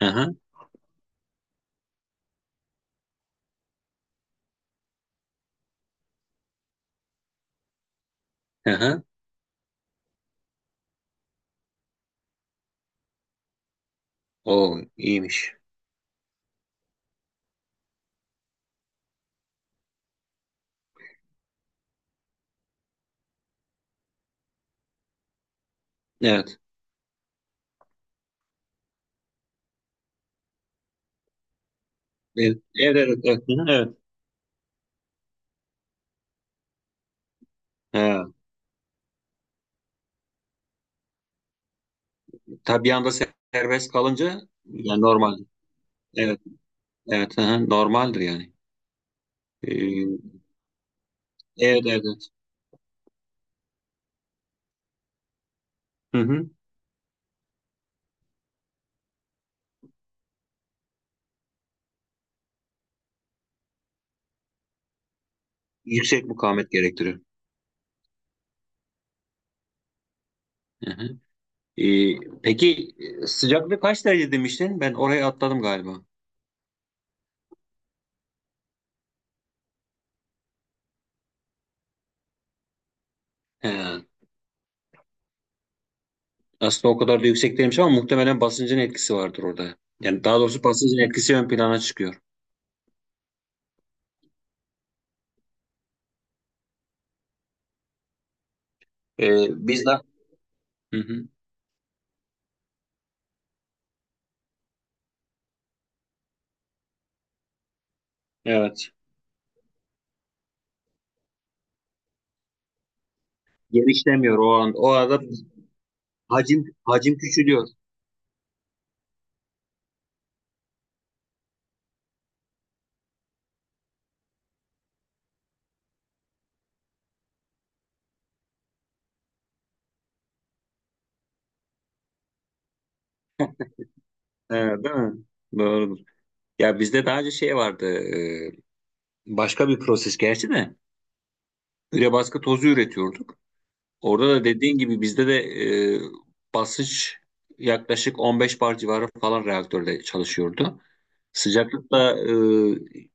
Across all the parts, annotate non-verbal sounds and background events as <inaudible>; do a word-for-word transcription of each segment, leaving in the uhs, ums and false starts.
Aha, aha. O iyiymiş. Evet. Evet, evet, evet. Evet. Hı hı, evet. Ha, tabii bir anda ser- serbest kalınca yani normal. Evet, evet. Aha, normaldir yani. Ee, evet, evet. Evet. Hı hı. Yüksek mukavemet gerektiriyor. Hı hı. Ee, peki e, sıcaklık kaç derece demiştin? Ben oraya atladım galiba. He. Aslında o kadar da yüksek değilmiş ama muhtemelen basıncın etkisi vardır orada. Yani daha doğrusu basıncın etkisi ön plana çıkıyor. Ee, biz de. Hı hı. Evet. Genişlemiyor o an. O arada hacim hacim küçülüyor. Ee, değil mi? Doğrudur. Ya bizde daha önce şey vardı. e, başka bir proses gerçi de. Üre baskı tozu üretiyorduk. Orada da dediğin gibi bizde de e, basınç yaklaşık on beş bar civarı falan reaktörde çalışıyordu. Sıcaklıkla e,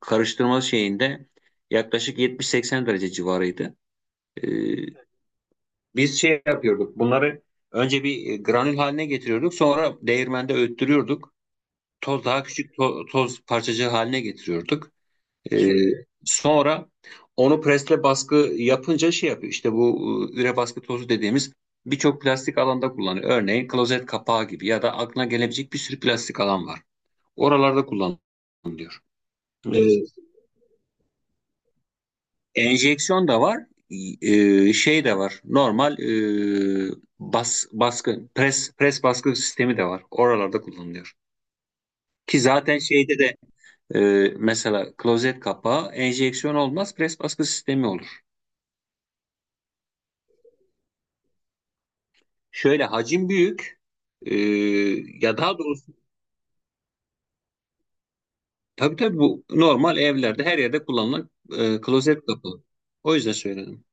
karıştırma şeyinde yaklaşık yetmiş seksen derece civarıydı. E, Biz şey yapıyorduk. Bunları önce bir e, granül haline getiriyorduk. Sonra değirmende öğüttürüyorduk. Toz daha küçük to- toz parçacığı haline getiriyorduk. E, sonra onu presle baskı yapınca şey yapıyor. İşte bu e, üre baskı tozu dediğimiz birçok plastik alanda kullanılıyor. Örneğin klozet kapağı gibi ya da aklına gelebilecek bir sürü plastik alan var. Oralarda kullanılıyor. E, Enjeksiyon da var, e, şey de var. Normal e, bas baskı pres pres baskı sistemi de var. Oralarda kullanılıyor. Ki zaten şeyde de e, mesela klozet kapağı enjeksiyon olmaz, pres baskı sistemi olur. Şöyle hacim büyük. e, ya daha doğrusu tabii tabii bu normal evlerde her yerde kullanılan e, klozet kapağı. O yüzden söyledim.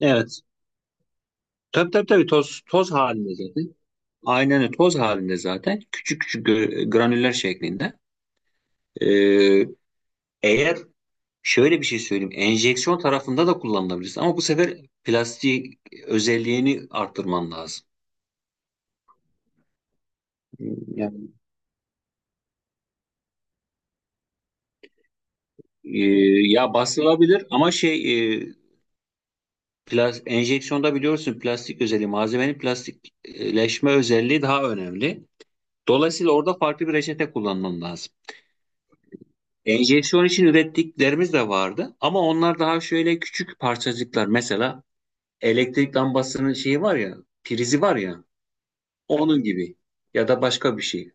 Evet. Tabii tabii tabii toz toz halinde zaten. Aynen öyle. toz halinde zaten küçük küçük gö- granüller şeklinde. Ee, eğer şöyle bir şey söyleyeyim, enjeksiyon tarafında da kullanılabilirsin ama bu sefer plastik özelliğini arttırman lazım. Yani, e, ya bastırılabilir ama şey e, plas- enjeksiyonda biliyorsun plastik özelliği, malzemenin plastikleşme özelliği daha önemli. Dolayısıyla orada farklı bir reçete kullanman lazım. Enjeksiyon için ürettiklerimiz de vardı ama onlar daha şöyle küçük parçacıklar, mesela elektrik lambasının şeyi var ya, prizi var ya, onun gibi ya da başka bir şey.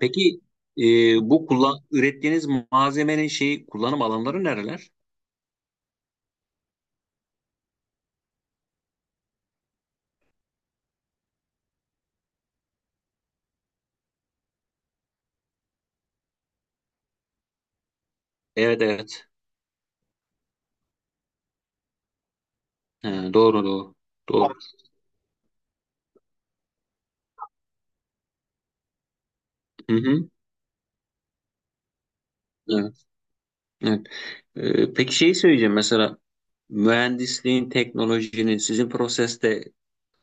Peki e, bu kullan ürettiğiniz malzemenin şeyi, kullanım alanları nereler? Evet evet. He, doğru doğru. Doğru. Hı hı. Evet, evet. E, peki şeyi söyleyeceğim, mesela mühendisliğin, teknolojinin sizin proseste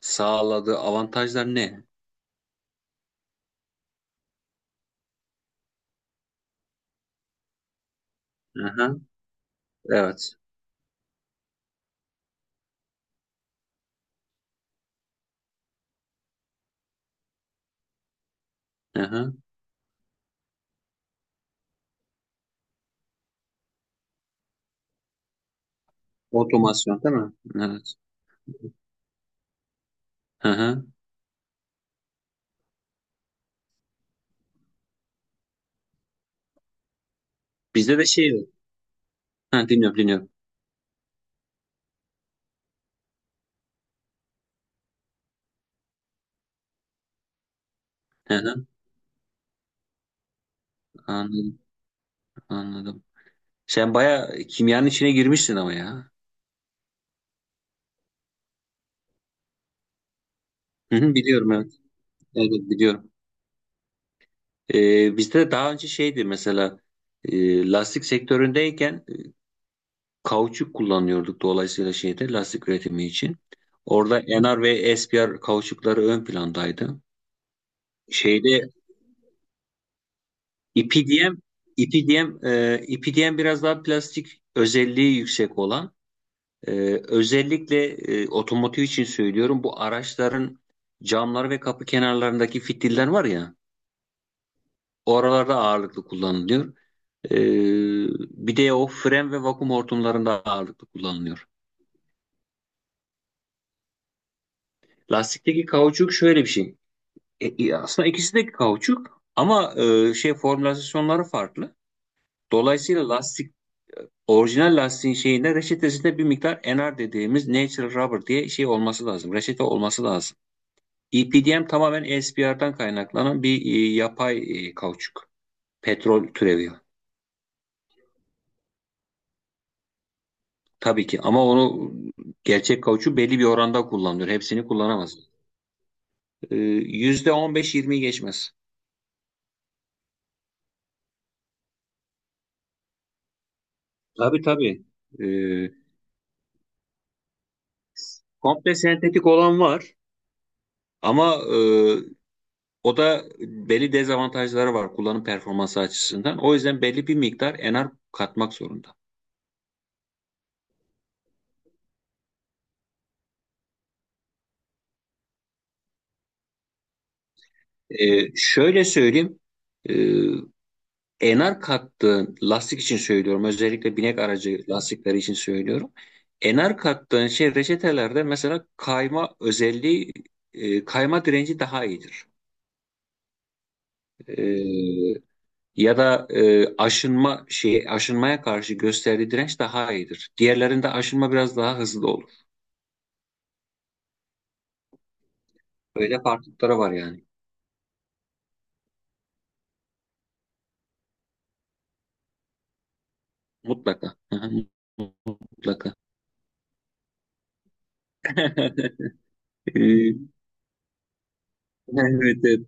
sağladığı avantajlar ne? Hı hı. Evet. Hı hı. Otomasyon değil mi? Evet. Hı hı. Bizde de şey var. Ha, dinliyorum dinliyorum. Hı hı. Anladım. Anladım. Sen bayağı kimyanın içine girmişsin ama ya. Hı hı, biliyorum, evet. Evet evet, biliyorum. Ee, bizde daha önce şeydi, mesela e, lastik sektöründeyken kauçuk kullanıyorduk, dolayısıyla şeyde lastik üretimi için. Orada N R ve S P R kauçukları ön plandaydı. Şeyde I P D M I P D M e, I P D M biraz daha plastik özelliği yüksek olan. Ee, özellikle e, otomotiv için söylüyorum. Bu araçların camları ve kapı kenarlarındaki fitiller var ya, oralarda ağırlıklı kullanılıyor. Ee, bir de o fren ve vakum hortumlarında ağırlıklı kullanılıyor. Lastikteki kauçuk şöyle bir şey. E, e, aslında ikisi de kauçuk ama e, şey, formülasyonları farklı. Dolayısıyla lastik, orijinal lastiğin şeyinde reçetesinde bir miktar N R dediğimiz natural rubber diye şey olması lazım. Reçete olması lazım. E P D M tamamen E S P R'dan kaynaklanan bir e, yapay e, kauçuk. Petrol türevi. Tabii ki ama onu gerçek kauçuk belli bir oranda kullanılıyor. Hepsini kullanamaz. E, yüzde on beş, yirmiyi geçmez. Tabii tabii. E, Komple sentetik olan var ama e, o da belli dezavantajları var kullanım performansı açısından. O yüzden belli bir miktar enar katmak zorunda. E, şöyle söyleyeyim. E, enar kattığın lastik için söylüyorum. Özellikle binek aracı lastikleri için söylüyorum. Enar kattığın şey reçetelerde, mesela kayma özelliği e, kayma direnci daha iyidir. E, ya da e, aşınma şey aşınmaya karşı gösterdiği direnç daha iyidir. Diğerlerinde aşınma biraz daha hızlı olur. Böyle farklılıkları var yani. Mutlaka. Hı hı, mutlaka. <laughs> E, Evet, evet.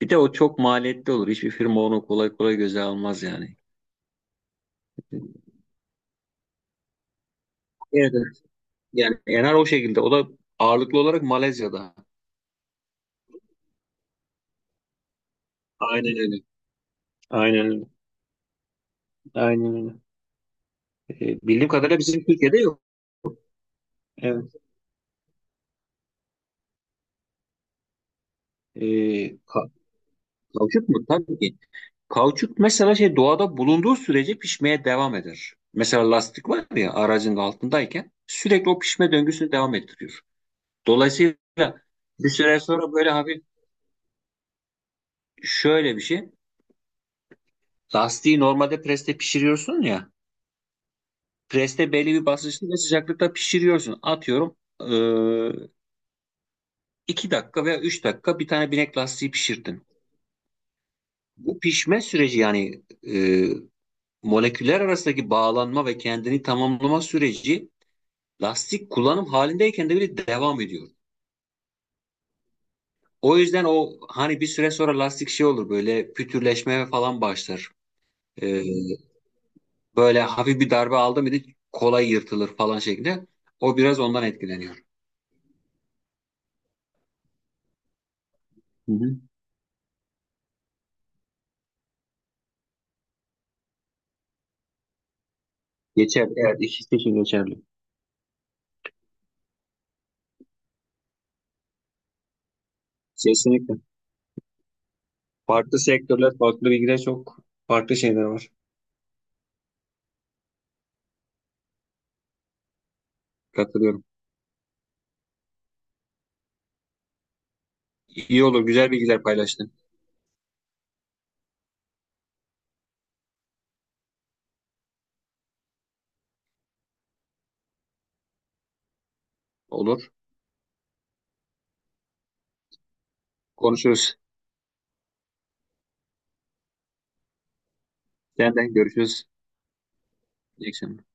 Bir de o çok maliyetli olur. Hiçbir firma onu kolay kolay göze almaz yani. Evet, evet. Yani Enar o şekilde. O da ağırlıklı olarak Malezya'da. Aynen öyle. Aynen öyle. Aynen öyle. Ee, bildiğim kadarıyla bizim Türkiye'de yok. Evet. Ee, ka- kauçuk mu? Tabii ki. Kauçuk mesela şey doğada bulunduğu sürece pişmeye devam eder. Mesela lastik var ya aracın altındayken sürekli o pişme döngüsünü devam ettiriyor. Dolayısıyla bir süre sonra böyle hafif şöyle bir şey. Lastiği normalde preste pişiriyorsun ya. Preste belli bir basınçta ve sıcaklıkta pişiriyorsun. Atıyorum eee iki dakika veya üç dakika bir tane binek lastiği pişirdin. Bu pişme süreci, yani eee, moleküller arasındaki bağlanma ve kendini tamamlama süreci lastik kullanım halindeyken de bile devam ediyor. O yüzden o hani bir süre sonra lastik şey olur böyle pütürleşmeye falan başlar. Eee, böyle hafif bir darbe aldı mıydı kolay yırtılır falan şeklinde. O biraz ondan etkileniyor. Hı hı. Geçer. Evet, ikisi için geçerli. Kesinlikle. Farklı sektörler, farklı bilgiler çok farklı şeyler var. Katılıyorum. İyi olur, güzel bilgiler paylaştın. Olur. Konuşuruz. Senden görüşürüz. İyi akşamlar.